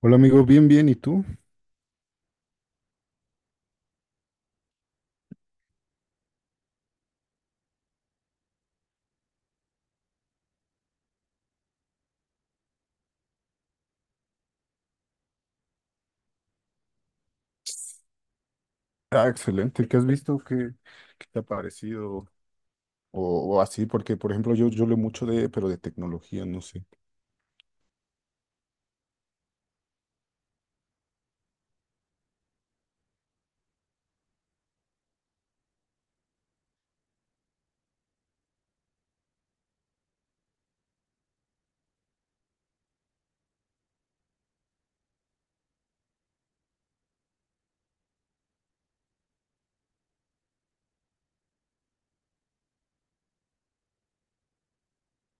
Hola amigo, bien, bien, ¿y tú? Ah, excelente, ¿qué has visto? ¿Qué te ha parecido? O así, porque por ejemplo yo leo mucho pero de tecnología, no sé.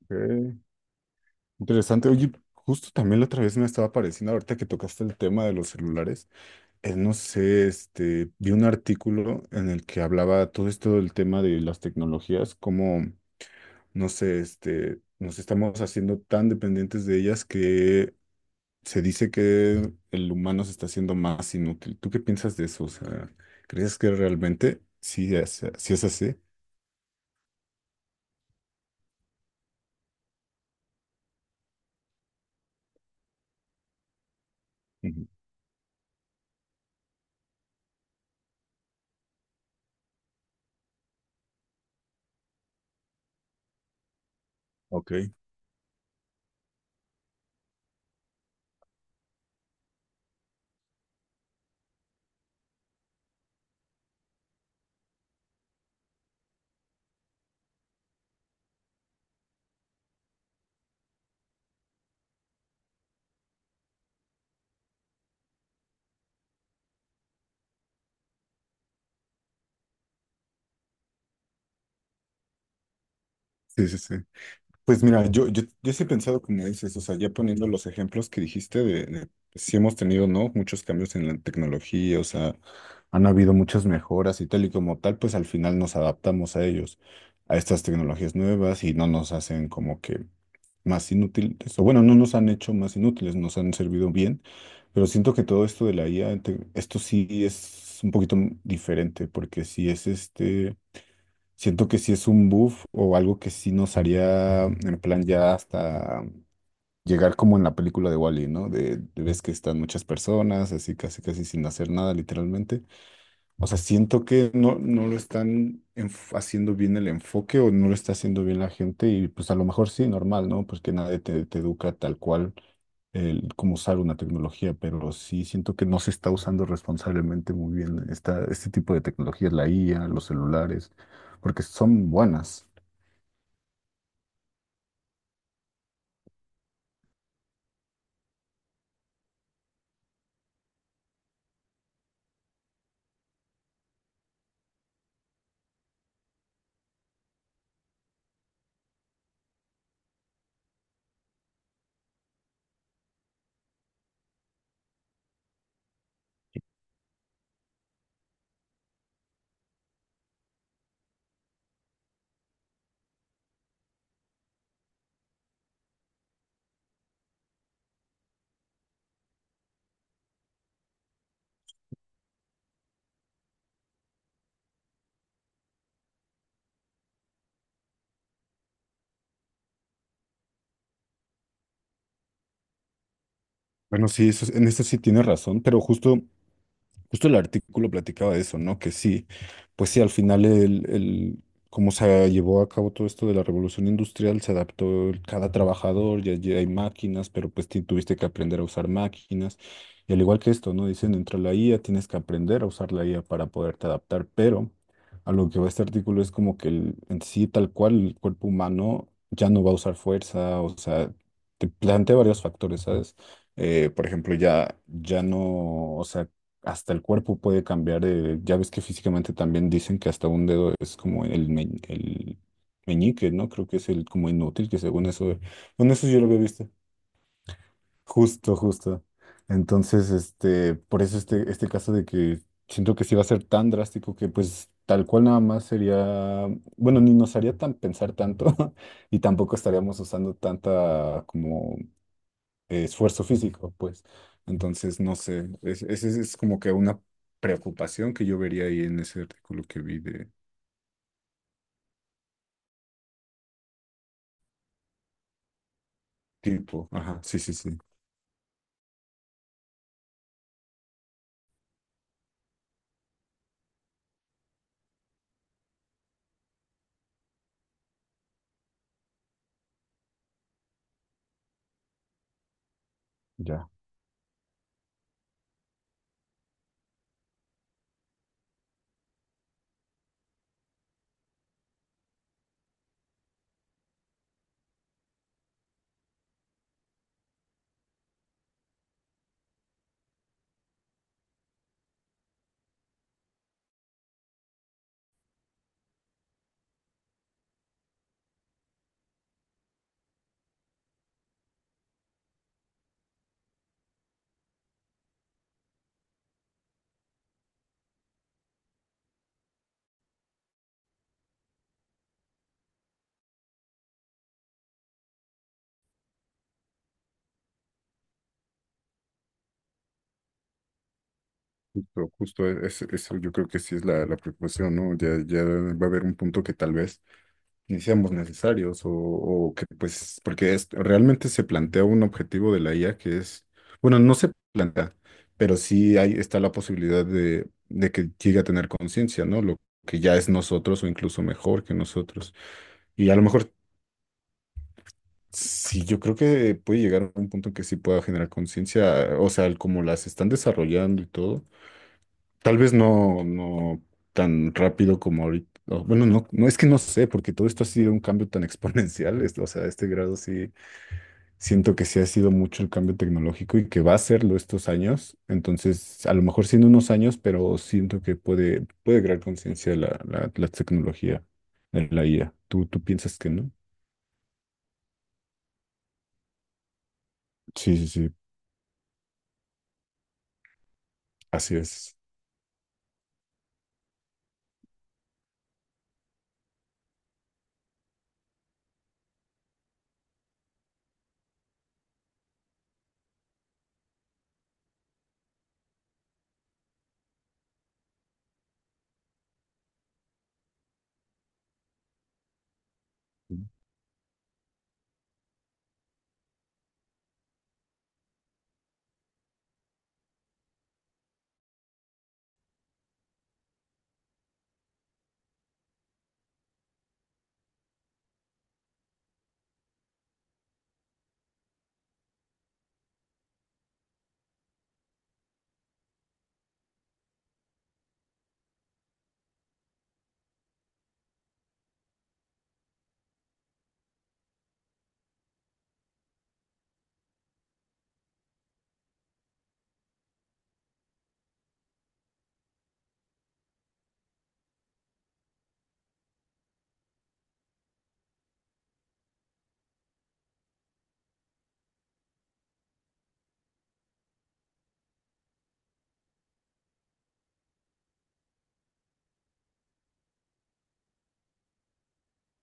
Ok. Interesante, oye, justo también la otra vez me estaba pareciendo, ahorita que tocaste el tema de los celulares, no sé, este, vi un artículo en el que hablaba todo esto del tema de las tecnologías, cómo no sé, este, nos estamos haciendo tan dependientes de ellas que se dice que el humano se está haciendo más inútil. ¿Tú qué piensas de eso? O sea, ¿crees que realmente sí es así? Ujú. Ok, sí, sí, sí. Pues mira, yo sí he pensado como dices, o sea, ya poniendo los ejemplos que dijiste de si hemos tenido, ¿no? Muchos cambios en la tecnología, o sea, han habido muchas mejoras y tal y como tal, pues al final nos adaptamos a ellos, a estas tecnologías nuevas y no nos hacen como que más inútiles, o bueno, no nos han hecho más inútiles, nos han servido bien, pero siento que todo esto de la IA, esto sí es un poquito diferente, porque sí es este, siento que sí es un buff o algo que sí nos haría en plan ya hasta llegar como en la película de Wall-E, ¿no? De ves que están muchas personas, así casi casi sin hacer nada, literalmente o sea, siento que no lo están haciendo bien el enfoque o no lo está haciendo bien la gente y pues a lo mejor sí, normal, ¿no? Porque nadie te educa tal cual el cómo usar una tecnología, pero sí siento que no se está usando responsablemente muy bien este tipo de tecnologías, la IA, los celulares, porque son buenas. Bueno, sí, eso, en eso sí tiene razón, pero justo el artículo platicaba de eso, ¿no? Que sí, pues sí, al final cómo se llevó a cabo todo esto de la revolución industrial, se adaptó cada trabajador, ya hay máquinas, pero pues tuviste que aprender a usar máquinas. Y al igual que esto, ¿no? Dicen, entra la IA, tienes que aprender a usar la IA para poderte adaptar, pero a lo que va este artículo es como que en sí, tal cual, el cuerpo humano ya no va a usar fuerza, o sea, te plantea varios factores, ¿sabes? Por ejemplo, ya no, o sea, hasta el cuerpo puede cambiar. Ya ves que físicamente también dicen que hasta un dedo es como el meñique, ¿no? Creo que es el como inútil, que según eso, bueno, eso yo lo había visto. Justo, justo. Entonces, este, por eso este caso de que siento que sí va a ser tan drástico que pues tal cual nada más sería, bueno, ni nos haría tan pensar tanto y tampoco estaríamos usando tanta como esfuerzo físico, pues. Entonces, no sé, es como que una preocupación que yo vería ahí en ese artículo que vi de tipo, ajá, sí, sí, sí, ya. Justo, justo eso yo creo que sí es la preocupación, ¿no? Ya va a haber un punto que tal vez ni seamos necesarios o que pues, porque realmente se plantea un objetivo de la IA que es, bueno, no se plantea, pero sí hay, está la posibilidad de que llegue a tener conciencia, ¿no? Lo que ya es nosotros o incluso mejor que nosotros. Y a lo mejor, sí, yo creo que puede llegar a un punto en que sí pueda generar conciencia, o sea, el como las están desarrollando y todo. Tal vez no tan rápido como ahorita. Bueno, no es que no sé, porque todo esto ha sido un cambio tan exponencial. O sea, a este grado sí siento que sí ha sido mucho el cambio tecnológico y que va a serlo estos años. Entonces, a lo mejor siendo unos años, pero siento que puede crear conciencia la tecnología, la IA. ¿Tú piensas que no? Sí, sí, sí, así es.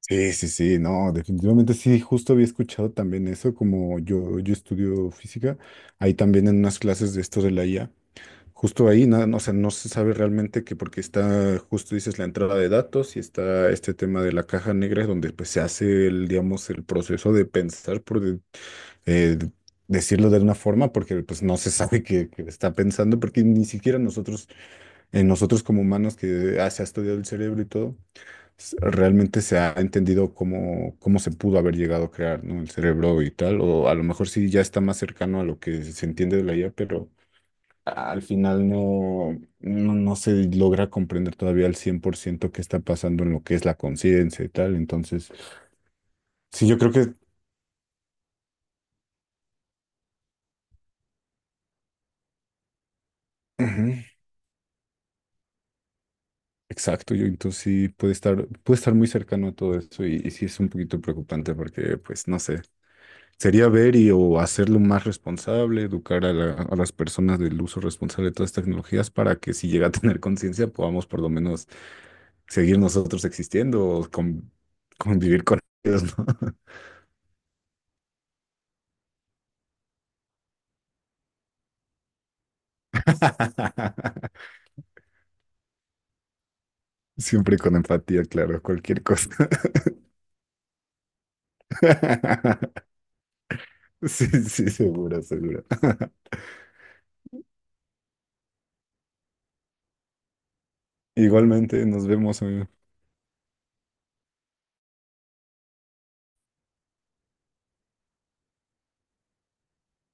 Sí, sí, sí, no, definitivamente sí, justo había escuchado también eso, como yo estudio física, ahí también en unas clases de esto de la IA, justo ahí, nada, no, o sea, no se sabe realmente que porque está, justo dices, la entrada de datos y está este tema de la caja negra, donde pues se hace el, digamos, el proceso de pensar, eh, decirlo de una forma, porque pues no se sabe qué está pensando, porque ni siquiera nosotros como humanos que se ha estudiado el cerebro y todo, realmente se ha entendido cómo se pudo haber llegado a crear, ¿no? El cerebro y tal, o a lo mejor sí ya está más cercano a lo que se entiende de la IA, pero al final no se logra comprender todavía al 100% qué está pasando en lo que es la conciencia y tal. Entonces, sí, yo creo que. Ujú, exacto, yo entonces sí puede estar muy cercano a todo eso y sí es un poquito preocupante porque, pues, no sé. Sería ver y o hacerlo más responsable, educar a las personas del uso responsable de todas estas tecnologías para que si llega a tener conciencia podamos por lo menos seguir nosotros existiendo o convivir con ellos, ¿no? Siempre con empatía, claro, cualquier cosa. Sí, sí, seguro, seguro. Igualmente, nos vemos, amigo.